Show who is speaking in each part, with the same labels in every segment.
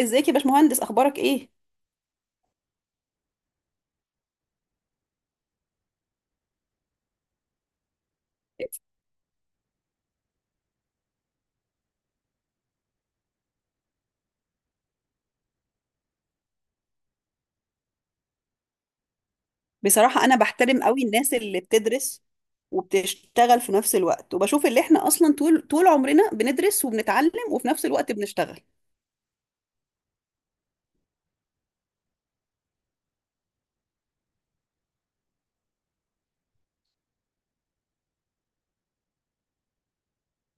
Speaker 1: ازيك يا باشمهندس؟ اخبارك ايه؟ بصراحه انا بحترم قوي الناس اللي بتدرس وبتشتغل في نفس الوقت، وبشوف اللي احنا اصلا طول طول عمرنا بندرس وبنتعلم وفي نفس الوقت بنشتغل.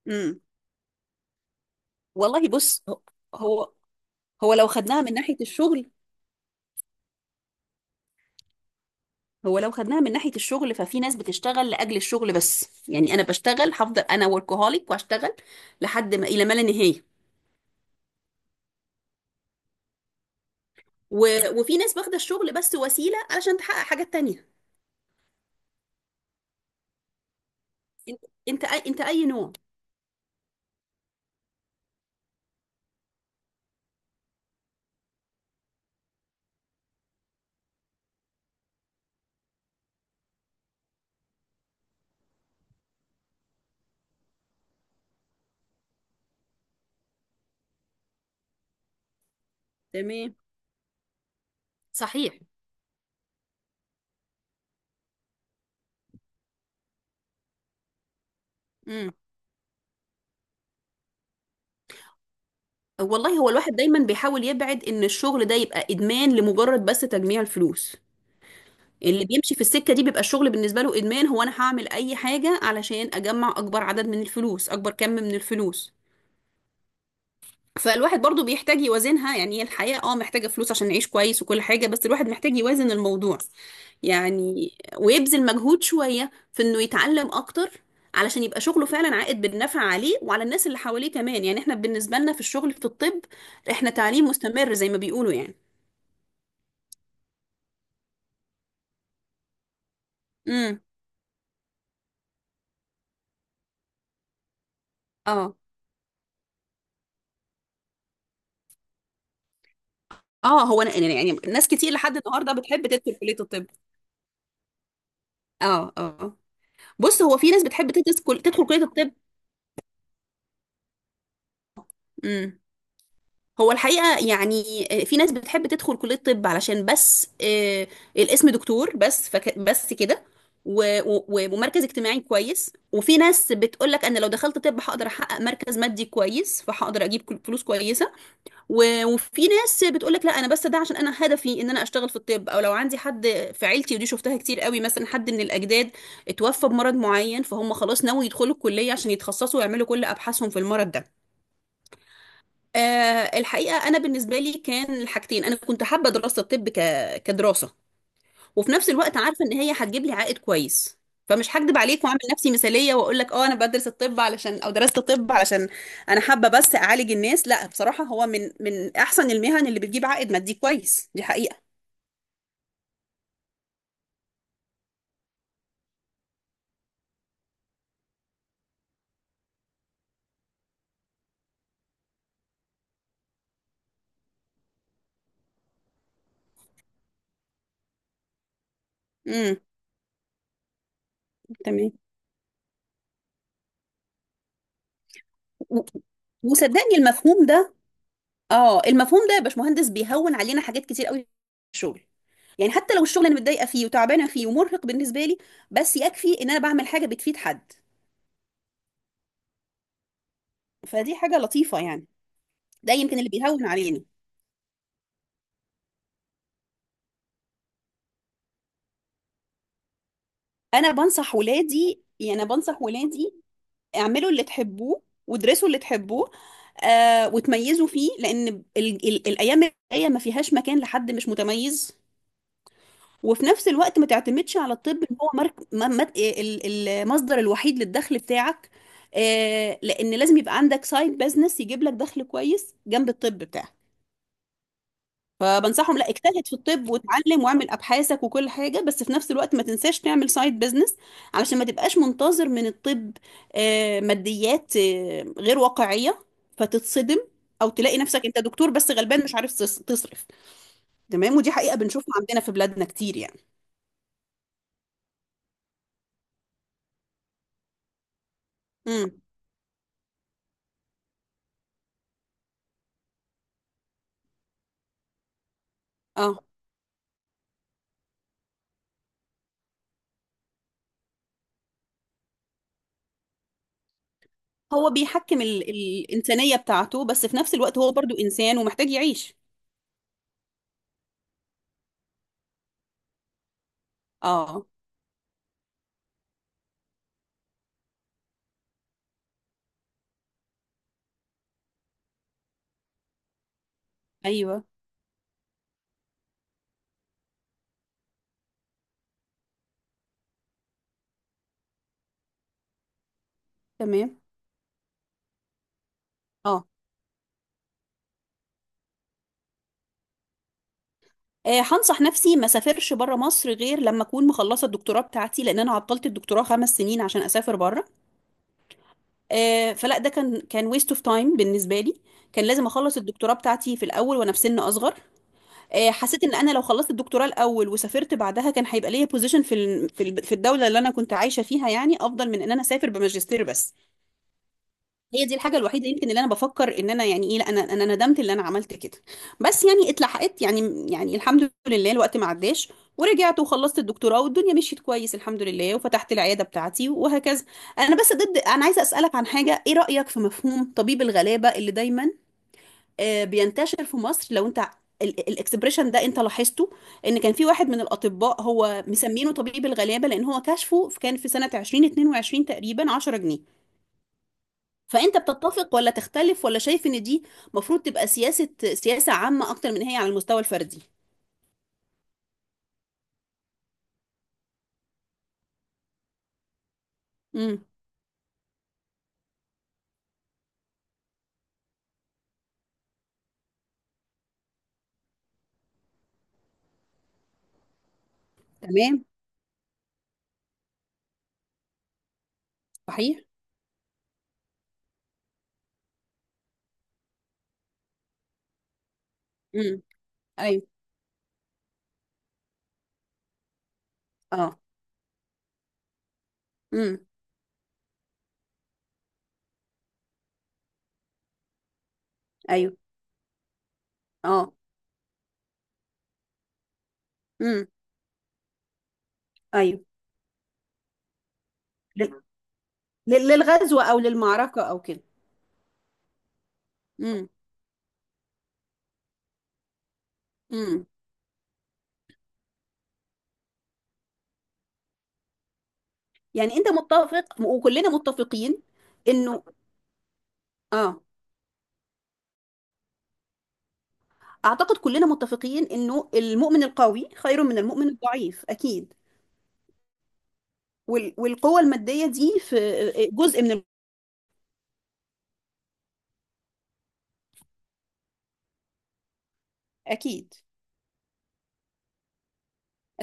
Speaker 1: امم. والله، بص، هو هو لو خدناها من ناحيه الشغل ففي ناس بتشتغل لاجل الشغل بس، يعني انا بشتغل، هفضل انا وركهوليك واشتغل لحد ما الى ما لا نهايه. وفي ناس واخده الشغل بس وسيله علشان تحقق حاجات تانية. انت انت اي نوع؟ تمام. صحيح. امم. والله، هو الواحد دايما بيحاول يبعد ان الشغل ده يبقى ادمان لمجرد بس تجميع الفلوس. اللي بيمشي في السكة دي بيبقى الشغل بالنسبة له ادمان، هو انا هعمل اي حاجة علشان اجمع اكبر عدد من الفلوس، اكبر كم من الفلوس. فالواحد برضو بيحتاج يوازنها، يعني هي الحياة محتاجة فلوس عشان نعيش كويس وكل حاجة، بس الواحد محتاج يوازن الموضوع يعني. ويبذل مجهود شوية في انه يتعلم اكتر، علشان يبقى شغله فعلا عائد بالنفع عليه وعلى الناس اللي حواليه كمان. يعني احنا بالنسبة لنا في الشغل في الطب احنا تعليم مستمر زي ما بيقولوا يعني. امم. اه، اه، هو أنا، يعني ناس كتير لحد النهارده بتحب تدخل كلية الطب. اه، اه، بص، هو في ناس بتحب تدخل كلية الطب. امم. هو الحقيقة يعني في ناس بتحب تدخل كلية طب علشان بس الاسم دكتور بس، فك بس كده. و- و- ومركز اجتماعي كويس. وفي ناس بتقول لك انا لو دخلت طب هقدر احقق مركز مادي كويس، فهقدر اجيب فلوس كويسة. وفي ناس بتقول لك لا، انا بس ده عشان انا هدفي ان انا اشتغل في الطب، او لو عندي حد في عيلتي، ودي شفتها كتير قوي، مثلا حد من الاجداد اتوفى بمرض معين، فهم خلاص ناوي يدخلوا الكلية عشان يتخصصوا ويعملوا كل ابحاثهم في المرض ده. الحقيقة أنا بالنسبة لي كان الحاجتين، أنا كنت حابة دراسة الطب كدراسة، وفي نفس الوقت عارفة إن هي هتجيب لي عائد كويس. فمش هكدب عليك وأعمل نفسي مثالية وأقول لك أنا بدرس الطب علشان، أو درست الطب علشان أنا حابة بس أعالج الناس. لا، بصراحة هو من أحسن المهن اللي بتجيب عائد مادي كويس، دي حقيقة. امم. تمام. و- وصدقني المفهوم ده، اه المفهوم ده يا باشمهندس بيهون علينا حاجات كتير قوي في الشغل. يعني حتى لو الشغل انا متضايقه فيه وتعبانه فيه ومرهق بالنسبه لي، بس يكفي ان انا بعمل حاجه بتفيد حد. فدي حاجه لطيفه يعني. ده يمكن اللي بيهون عليني. انا بنصح ولادي، يعني انا بنصح ولادي: اعملوا اللي تحبوه وادرسوا اللي تحبوه وتميزوا فيه، لان ال ال الايام الجايه ما فيهاش مكان لحد مش متميز. وفي نفس الوقت ما تعتمدش على الطب ان هو مرك... ما- ما- إيه، ال- المصدر الوحيد للدخل بتاعك. لان لازم يبقى عندك سايد بزنس يجيب لك دخل كويس جنب الطب بتاعك. فبنصحهم لا، اجتهد في الطب واتعلم واعمل ابحاثك وكل حاجه، بس في نفس الوقت ما تنساش تعمل سايد بزنس علشان ما تبقاش منتظر من الطب ماديات غير واقعيه فتتصدم، او تلاقي نفسك انت دكتور بس غلبان مش عارف تصرف. تمام، ودي حقيقه بنشوفها عندنا في بلادنا كتير يعني. امم. اه، هو بيحكم الإنسانية بتاعته بس في نفس الوقت هو برضو إنسان ومحتاج يعيش. اه. ايوه. تمام. اه. هنصح نفسي ما سافرش بره مصر غير لما اكون مخلصه الدكتوراه بتاعتي، لان انا عطلت الدكتوراه 5 سنين عشان اسافر بره. فلا، ده كان ويست اوف تايم بالنسبه لي، كان لازم اخلص الدكتوراه بتاعتي في الاول وانا في سن اصغر. حسيت ان انا لو خلصت الدكتوراه الاول وسافرت بعدها كان هيبقى ليا بوزيشن في الدوله اللي انا كنت عايشه فيها، يعني افضل من ان انا اسافر بماجستير بس. هي دي الحاجة الوحيدة يمكن اللي انا بفكر ان انا، يعني ايه، لا، انا ندمت اللي انا عملت كده، بس يعني اتلحقت، يعني الحمد لله الوقت ما عداش، ورجعت وخلصت الدكتوراه والدنيا مشيت كويس الحمد لله، وفتحت العيادة بتاعتي وهكذا. انا بس ضد، انا عايزة اسألك عن حاجة: ايه رأيك في مفهوم طبيب الغلابة اللي دايما بينتشر في مصر؟ لو انت الاكسبريشن ده انت لاحظته، ان كان في واحد من الاطباء هو مسمينه طبيب الغلابه لان هو كشفه كان في سنه 2022 تقريبا 10 جنيه. فانت بتتفق ولا تختلف، ولا شايف ان دي مفروض تبقى سياسة عامة اكتر من هي على المستوى الفردي؟ امم. تمام. صحيح. امم. ايوه. اه. امم. ايوه. اه. امم. ايوه. لل- للغزو او للمعركة او كده. امم. امم. يعني انت متفق وكلنا متفقين انه اه اعتقد كلنا متفقين انه المؤمن القوي خير من المؤمن الضعيف اكيد. والقوة المادية دي في جزء من اكيد.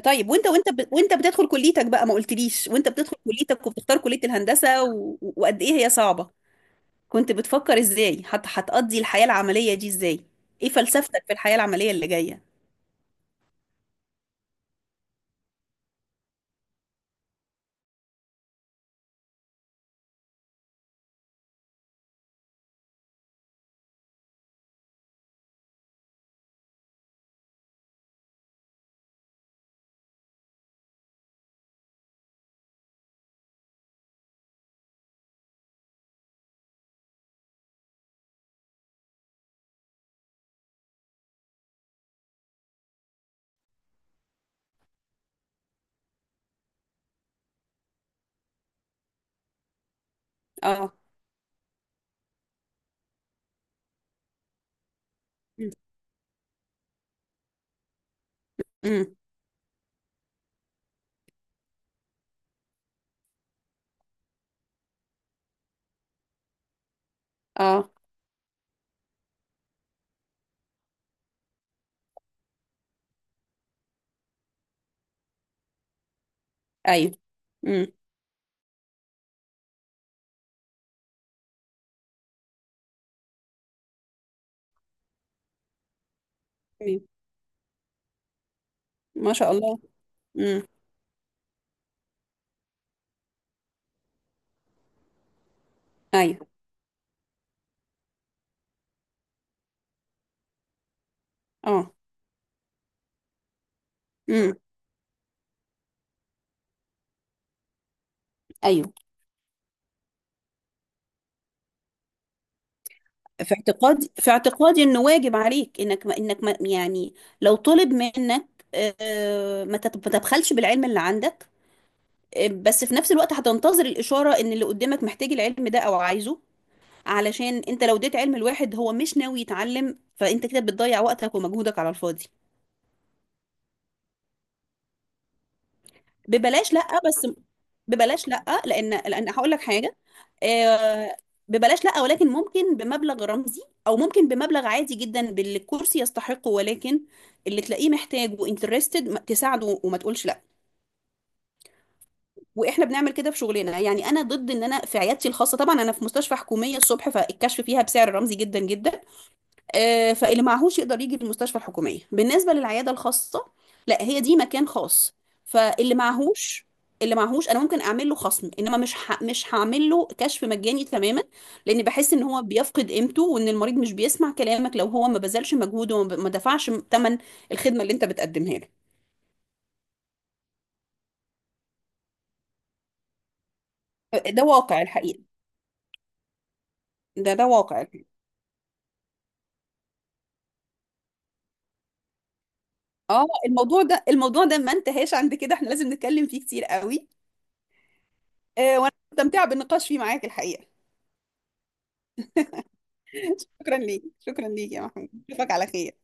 Speaker 1: طيب، وانت بتدخل كليتك بقى، ما قلتليش وانت بتدخل كليتك وبتختار كلية الهندسة وقد ايه هي صعبة؟ كنت بتفكر ازاي هتقضي الحياة العملية دي ازاي؟ ايه فلسفتك في الحياة العملية اللي جاية؟ اه. امم. امم. اه. ايوه. امم. تمام. ما شاء الله. امم. ايوه. اه. امم. ايوه. في اعتقادي، في اعتقادي انه واجب عليك، انك ما يعني، لو طلب منك ما تبخلش بالعلم اللي عندك. بس في نفس الوقت هتنتظر الإشارة إن اللي قدامك محتاج العلم ده أو عايزه، علشان أنت لو اديت علم لواحد هو مش ناوي يتعلم فأنت كده بتضيع وقتك ومجهودك على الفاضي. ببلاش؟ لأ، بس. ببلاش لأ، لأن هقول لك حاجة. آه، ببلاش لأ، ولكن ممكن بمبلغ رمزي، أو ممكن بمبلغ عادي جدا باللي الكورس يستحقه، ولكن اللي تلاقيه محتاج وانترستد تساعده وما تقولش لأ. واحنا بنعمل كده في شغلنا، يعني انا ضد ان انا في عيادتي الخاصه، طبعا انا في مستشفى حكوميه الصبح فالكشف فيها بسعر رمزي جدا جدا. فاللي معهوش يقدر يجي المستشفى الحكوميه، بالنسبه للعياده الخاصه لا، هي دي مكان خاص. فاللي معهوش انا ممكن اعمل له خصم، انما مش هعمل له كشف مجاني تماما، لان بحس ان هو بيفقد قيمته، وان المريض مش بيسمع كلامك لو هو ما بذلش مجهود وما ب- ما دفعش ثمن الخدمه اللي انت بتقدمها له. ده واقع الحقيقه، ده واقع. اه، الموضوع ده ما انتهاش عند كده، احنا لازم نتكلم فيه كتير قوي. وانا مستمتعه بالنقاش فيه معاك الحقيقه. شكرا ليك، شكرا ليك يا محمود، اشوفك على خير.